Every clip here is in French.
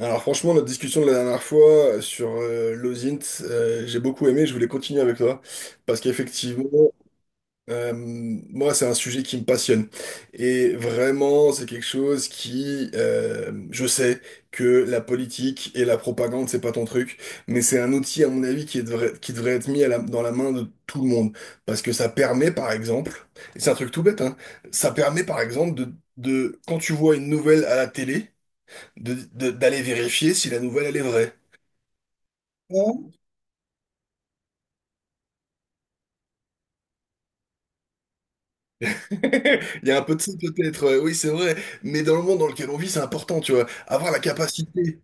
Alors franchement, notre discussion de la dernière fois sur Lozint, j'ai beaucoup aimé, je voulais continuer avec toi, parce qu'effectivement, moi, c'est un sujet qui me passionne. Et vraiment, c'est quelque chose qui, je sais que la politique et la propagande, c'est pas ton truc, mais c'est un outil, à mon avis, qui devrait être mis à dans la main de tout le monde, parce que ça permet, par exemple, et c'est un truc tout bête, hein, ça permet, par exemple, quand tu vois une nouvelle à la télé, d'aller vérifier si la nouvelle, elle est vraie. Ou, il y a un peu de ça peut-être, oui, c'est vrai, mais dans le monde dans lequel on vit, c'est important, tu vois, avoir la capacité,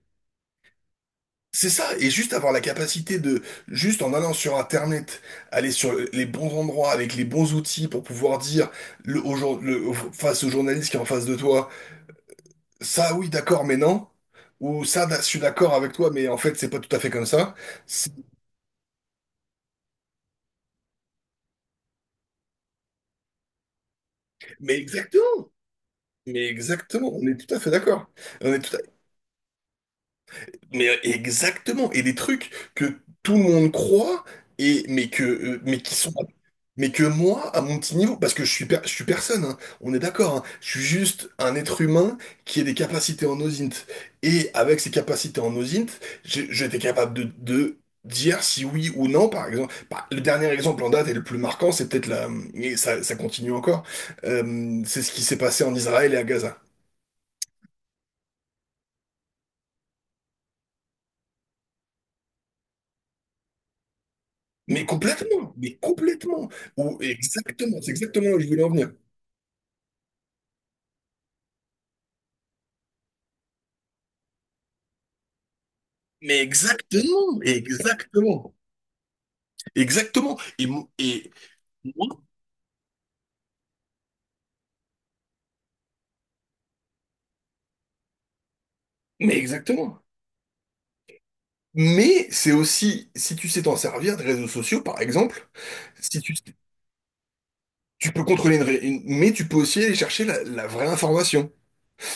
c'est ça, et juste avoir la capacité juste en allant sur Internet, aller sur les bons endroits, avec les bons outils pour pouvoir dire, le, au jour- le- au- face au journaliste qui est en face de toi, ça, oui, d'accord, mais non, ou ça, je suis d'accord avec toi, mais en fait, c'est pas tout à fait comme ça. C'est- Mais exactement, mais exactement, on est tout à fait d'accord. On est tout à Mais exactement, et des trucs que tout le monde croit et mais que mais qui sont mais que moi à mon petit niveau parce que je suis je suis personne hein, on est d'accord hein, je suis juste un être humain qui a des capacités en osint et avec ces capacités en osint j'étais capable de dire si oui ou non par exemple. Bah, le dernier exemple en date et le plus marquant c'est peut-être la, et ça continue encore, c'est ce qui s'est passé en Israël et à Gaza. Mais complètement, mais complètement. Ou exactement, c'est exactement là où je voulais en venir. Mais exactement, exactement, exactement. Moi, mais exactement. Mais c'est aussi, si tu sais t'en servir des réseaux sociaux, par exemple, si tu, tu peux contrôler mais tu peux aussi aller chercher la vraie information.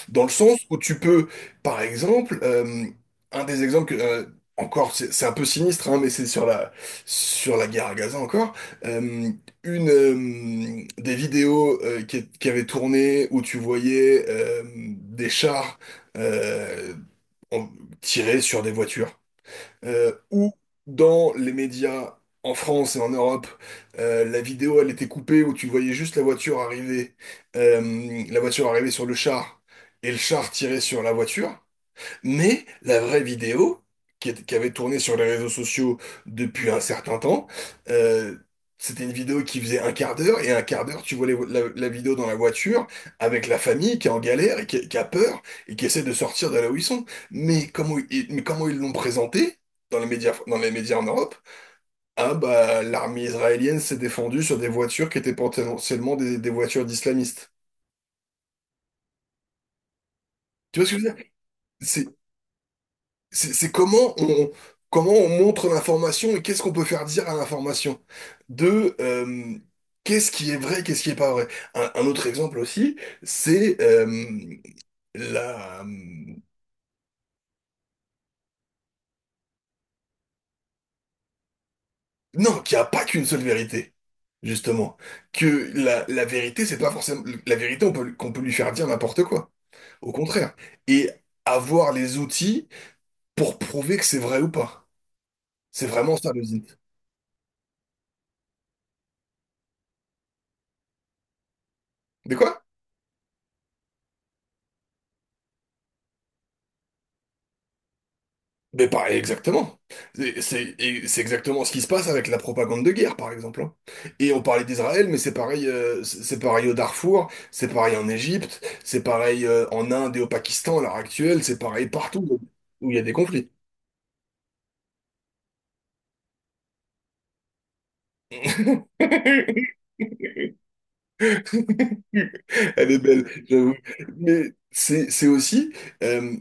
Dans le sens où tu peux, par exemple, un des exemples que, encore, c'est un peu sinistre, hein, mais c'est sur la guerre à Gaza encore, euh, une des vidéos qui avaient tourné où tu voyais des chars euh, en- tirer sur des voitures où dans les médias en France et en Europe, la vidéo elle était coupée où tu voyais juste la voiture arriver sur le char et le char tirer sur la voiture. Mais la vraie vidéo, qui avait tourné sur les réseaux sociaux depuis un certain temps, euh, c'était une vidéo qui faisait un quart d'heure, et un quart d'heure, tu vois la vidéo dans la voiture, avec la famille qui est en galère, qui a peur, et qui essaie de sortir de là où ils sont. Mais comment ils l'ont présenté dans les médias en Europe? Ah bah, l'armée israélienne s'est défendue sur des voitures qui étaient potentiellement des voitures d'islamistes. Tu vois ce que je veux dire? C'est comment on, comment on montre l'information et qu'est-ce qu'on peut faire dire à l'information. De qu'est-ce qui est vrai, qu'est-ce qui est pas vrai. Un autre exemple aussi, c'est la, Non, qu'il n'y a pas qu'une seule vérité, justement. Que la vérité, c'est pas forcément. La vérité, on peut, qu'on peut lui faire dire n'importe quoi. Au contraire. Et avoir les outils pour prouver que c'est vrai ou pas. C'est vraiment ça, le zit. De quoi? Mais pareil, exactement. C'est exactement ce qui se passe avec la propagande de guerre, par exemple, hein. Et on parlait d'Israël, mais c'est pareil au Darfour, c'est pareil en Égypte, c'est pareil en Inde et au Pakistan à l'heure actuelle, c'est pareil partout où il y a des conflits. Elle est belle, j'avoue. Mais c'est aussi, euh,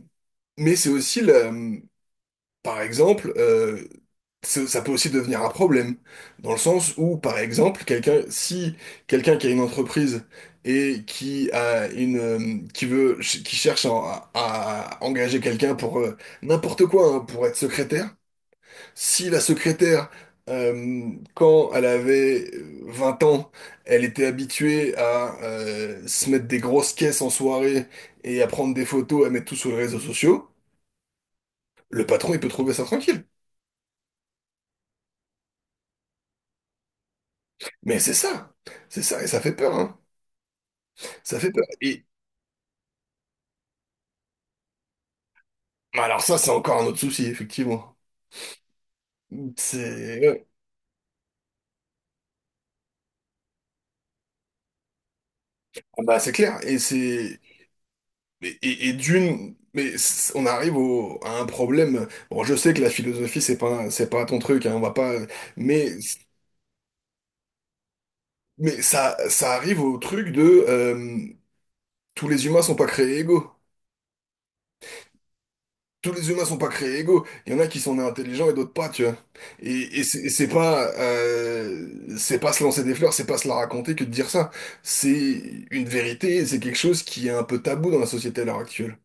mais c'est aussi la, par exemple, ça ça peut aussi devenir un problème, dans le sens où, par exemple, quelqu'un, si quelqu'un qui a une entreprise et qui a une, qui cherche à engager quelqu'un pour n'importe quoi, hein, pour être secrétaire, si la secrétaire, quand elle avait 20 ans, elle était habituée à se mettre des grosses caisses en soirée et à prendre des photos, à mettre tout sur les réseaux sociaux, le patron, il peut trouver ça tranquille. Mais c'est ça, et ça fait peur, hein. Ça fait peur. Et alors ça, c'est encore un autre souci, effectivement. C'est ouais. Ah bah c'est clair. Et c'est et, d'une, mais c'est, on arrive au, à un problème. Bon, je sais que la philosophie, c'est pas ton truc, hein, on va pas. Mais mais ça ça arrive au truc de, euh, tous les humains sont pas créés égaux. Tous les humains sont pas créés égaux. Il y en a qui sont nés intelligents et d'autres pas, tu vois. Et, c'est pas se lancer des fleurs, c'est pas se la raconter que de dire ça. C'est une vérité, et c'est quelque chose qui est un peu tabou dans la société à l'heure actuelle.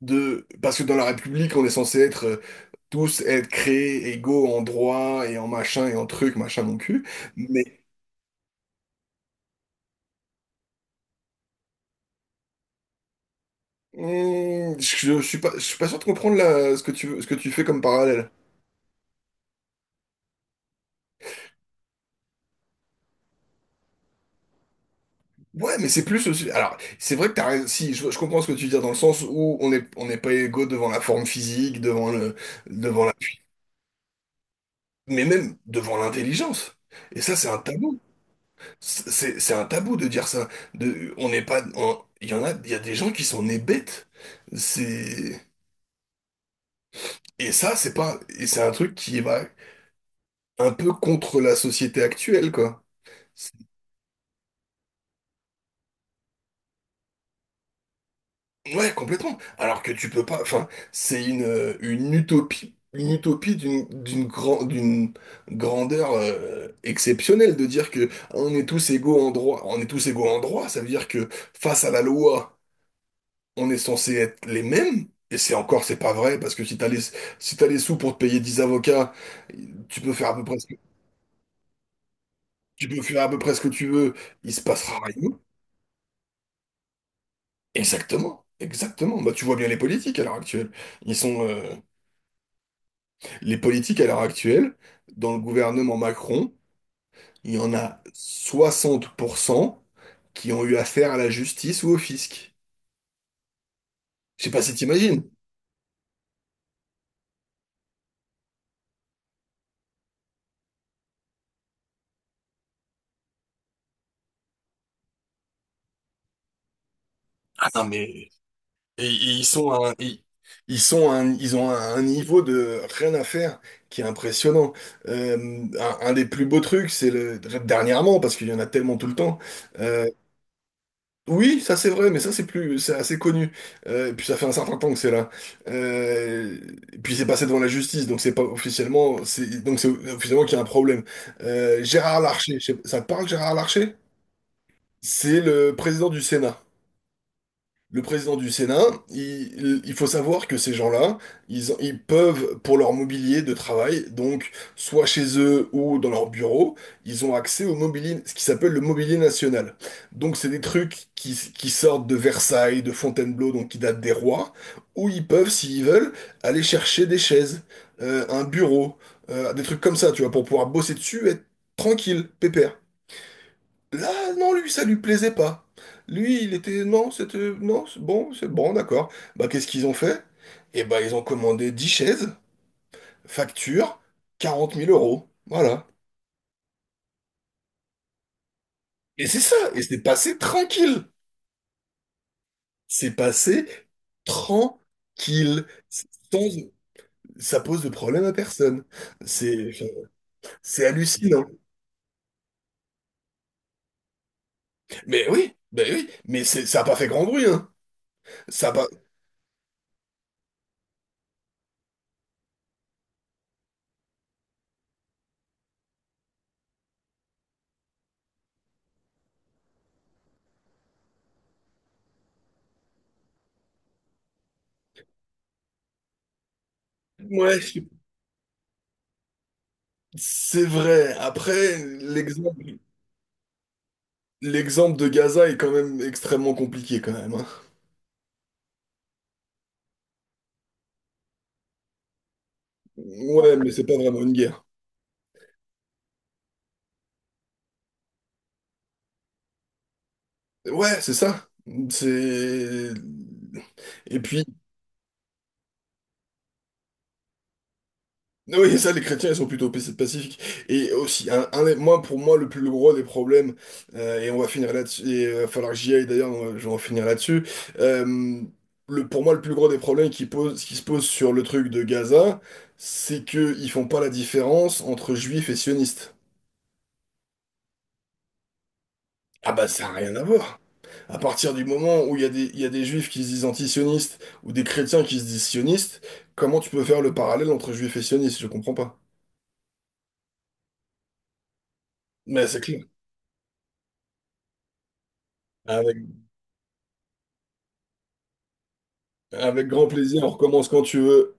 De, parce que dans la République, on est censé être tous être créés égaux en droit et en machin et en truc, machin mon cul. Mais je suis pas sûr de comprendre ce que tu fais comme parallèle. Ouais, mais c'est plus aussi. Alors, c'est vrai que t'as raison. Si, je comprends ce que tu dis dans le sens où on n'est pas égaux devant la forme physique, devant devant la, mais même devant l'intelligence. Et ça, c'est un tabou. C'est, c'est un tabou de dire ça. De, on n'est pas. Il y en a, il y a des gens qui sont nés bêtes. C'est, et ça, c'est pas. Et c'est un truc qui va un peu contre la société actuelle, quoi. Ouais, complètement. Alors que tu peux pas. Enfin, c'est une utopie d'une grandeur exceptionnelle de dire que on est tous égaux en droit. On est tous égaux en droit. Ça veut dire que face à la loi, on est censé être les mêmes. Et c'est encore, c'est pas vrai parce que si t'as les sous pour te payer 10 avocats, tu peux faire à peu près ce que, tu peux faire à peu près ce que tu veux. Il se passera rien. Exactement, exactement. Bah, tu vois bien les politiques à l'heure actuelle. Ils sont... Les politiques à l'heure actuelle, dans le gouvernement Macron, il y en a 60% qui ont eu affaire à la justice ou au fisc. Je sais pas si t'imagines. Ah non, mais et- et ils sont à un, ils, ils ont un niveau de rien à faire qui est impressionnant. Un des plus beaux trucs, c'est le dernièrement parce qu'il y en a tellement tout le temps. euh, Oui, ça c'est vrai, mais ça c'est plus, c'est assez connu. Et puis ça fait un certain temps que c'est là. Euh, et puis c'est passé devant la justice, donc c'est pas officiellement, c'est donc c'est officiellement qu'il y a un problème. Gérard Larcher, ça te parle Gérard Larcher? C'est le président du Sénat. Le président du Sénat, il faut savoir que ces gens-là, ils peuvent, pour leur mobilier de travail, donc soit chez eux ou dans leur bureau, ils ont accès au mobilier, ce qui s'appelle le mobilier national. Donc c'est des trucs qui sortent de Versailles, de Fontainebleau, donc qui datent des rois, où ils peuvent, s'ils veulent, aller chercher des chaises, un bureau, des trucs comme ça, tu vois, pour pouvoir bosser dessus, être tranquille, pépère. Là, non, lui, ça lui plaisait pas. Lui, il était, non, c'était, non, c'est bon, d'accord. Bah, qu'est-ce qu'ils ont fait? Eh bah, ils ont commandé 10 chaises, facture, quarante mille euros. Voilà. Et c'est ça, et c'est passé tranquille. C'est passé tranquille. Sans, ça pose de problème à personne. C'est, c'est hallucinant. Mais oui, ben oui, mais c'est, ça n'a pas fait grand bruit, hein. Ça a pas, ouais, c'est vrai. Après, l'exemple. L'exemple de Gaza est quand même extrêmement compliqué quand même, hein. Ouais, mais c'est pas vraiment une guerre. Ouais, c'est ça. C'est... Et puis, oui, ça, les chrétiens, ils sont plutôt pacifiques. Et aussi, un moi, pour moi, le plus gros des problèmes, et on va finir là-dessus, et il va falloir que j'y aille d'ailleurs, je vais en finir là-dessus. Euh, le pour moi, le plus gros des problèmes qui, pose, qui se posent sur le truc de Gaza, c'est qu'ils font pas la différence entre juifs et sionistes. Ah bah, ça n'a rien à voir. À partir du moment où il y a des, il y a des juifs qui se disent antisionistes ou des chrétiens qui se disent sionistes, comment tu peux faire le parallèle entre juifs et sionistes? Je comprends pas. Mais c'est clair. Avec, avec grand plaisir, on recommence quand tu veux.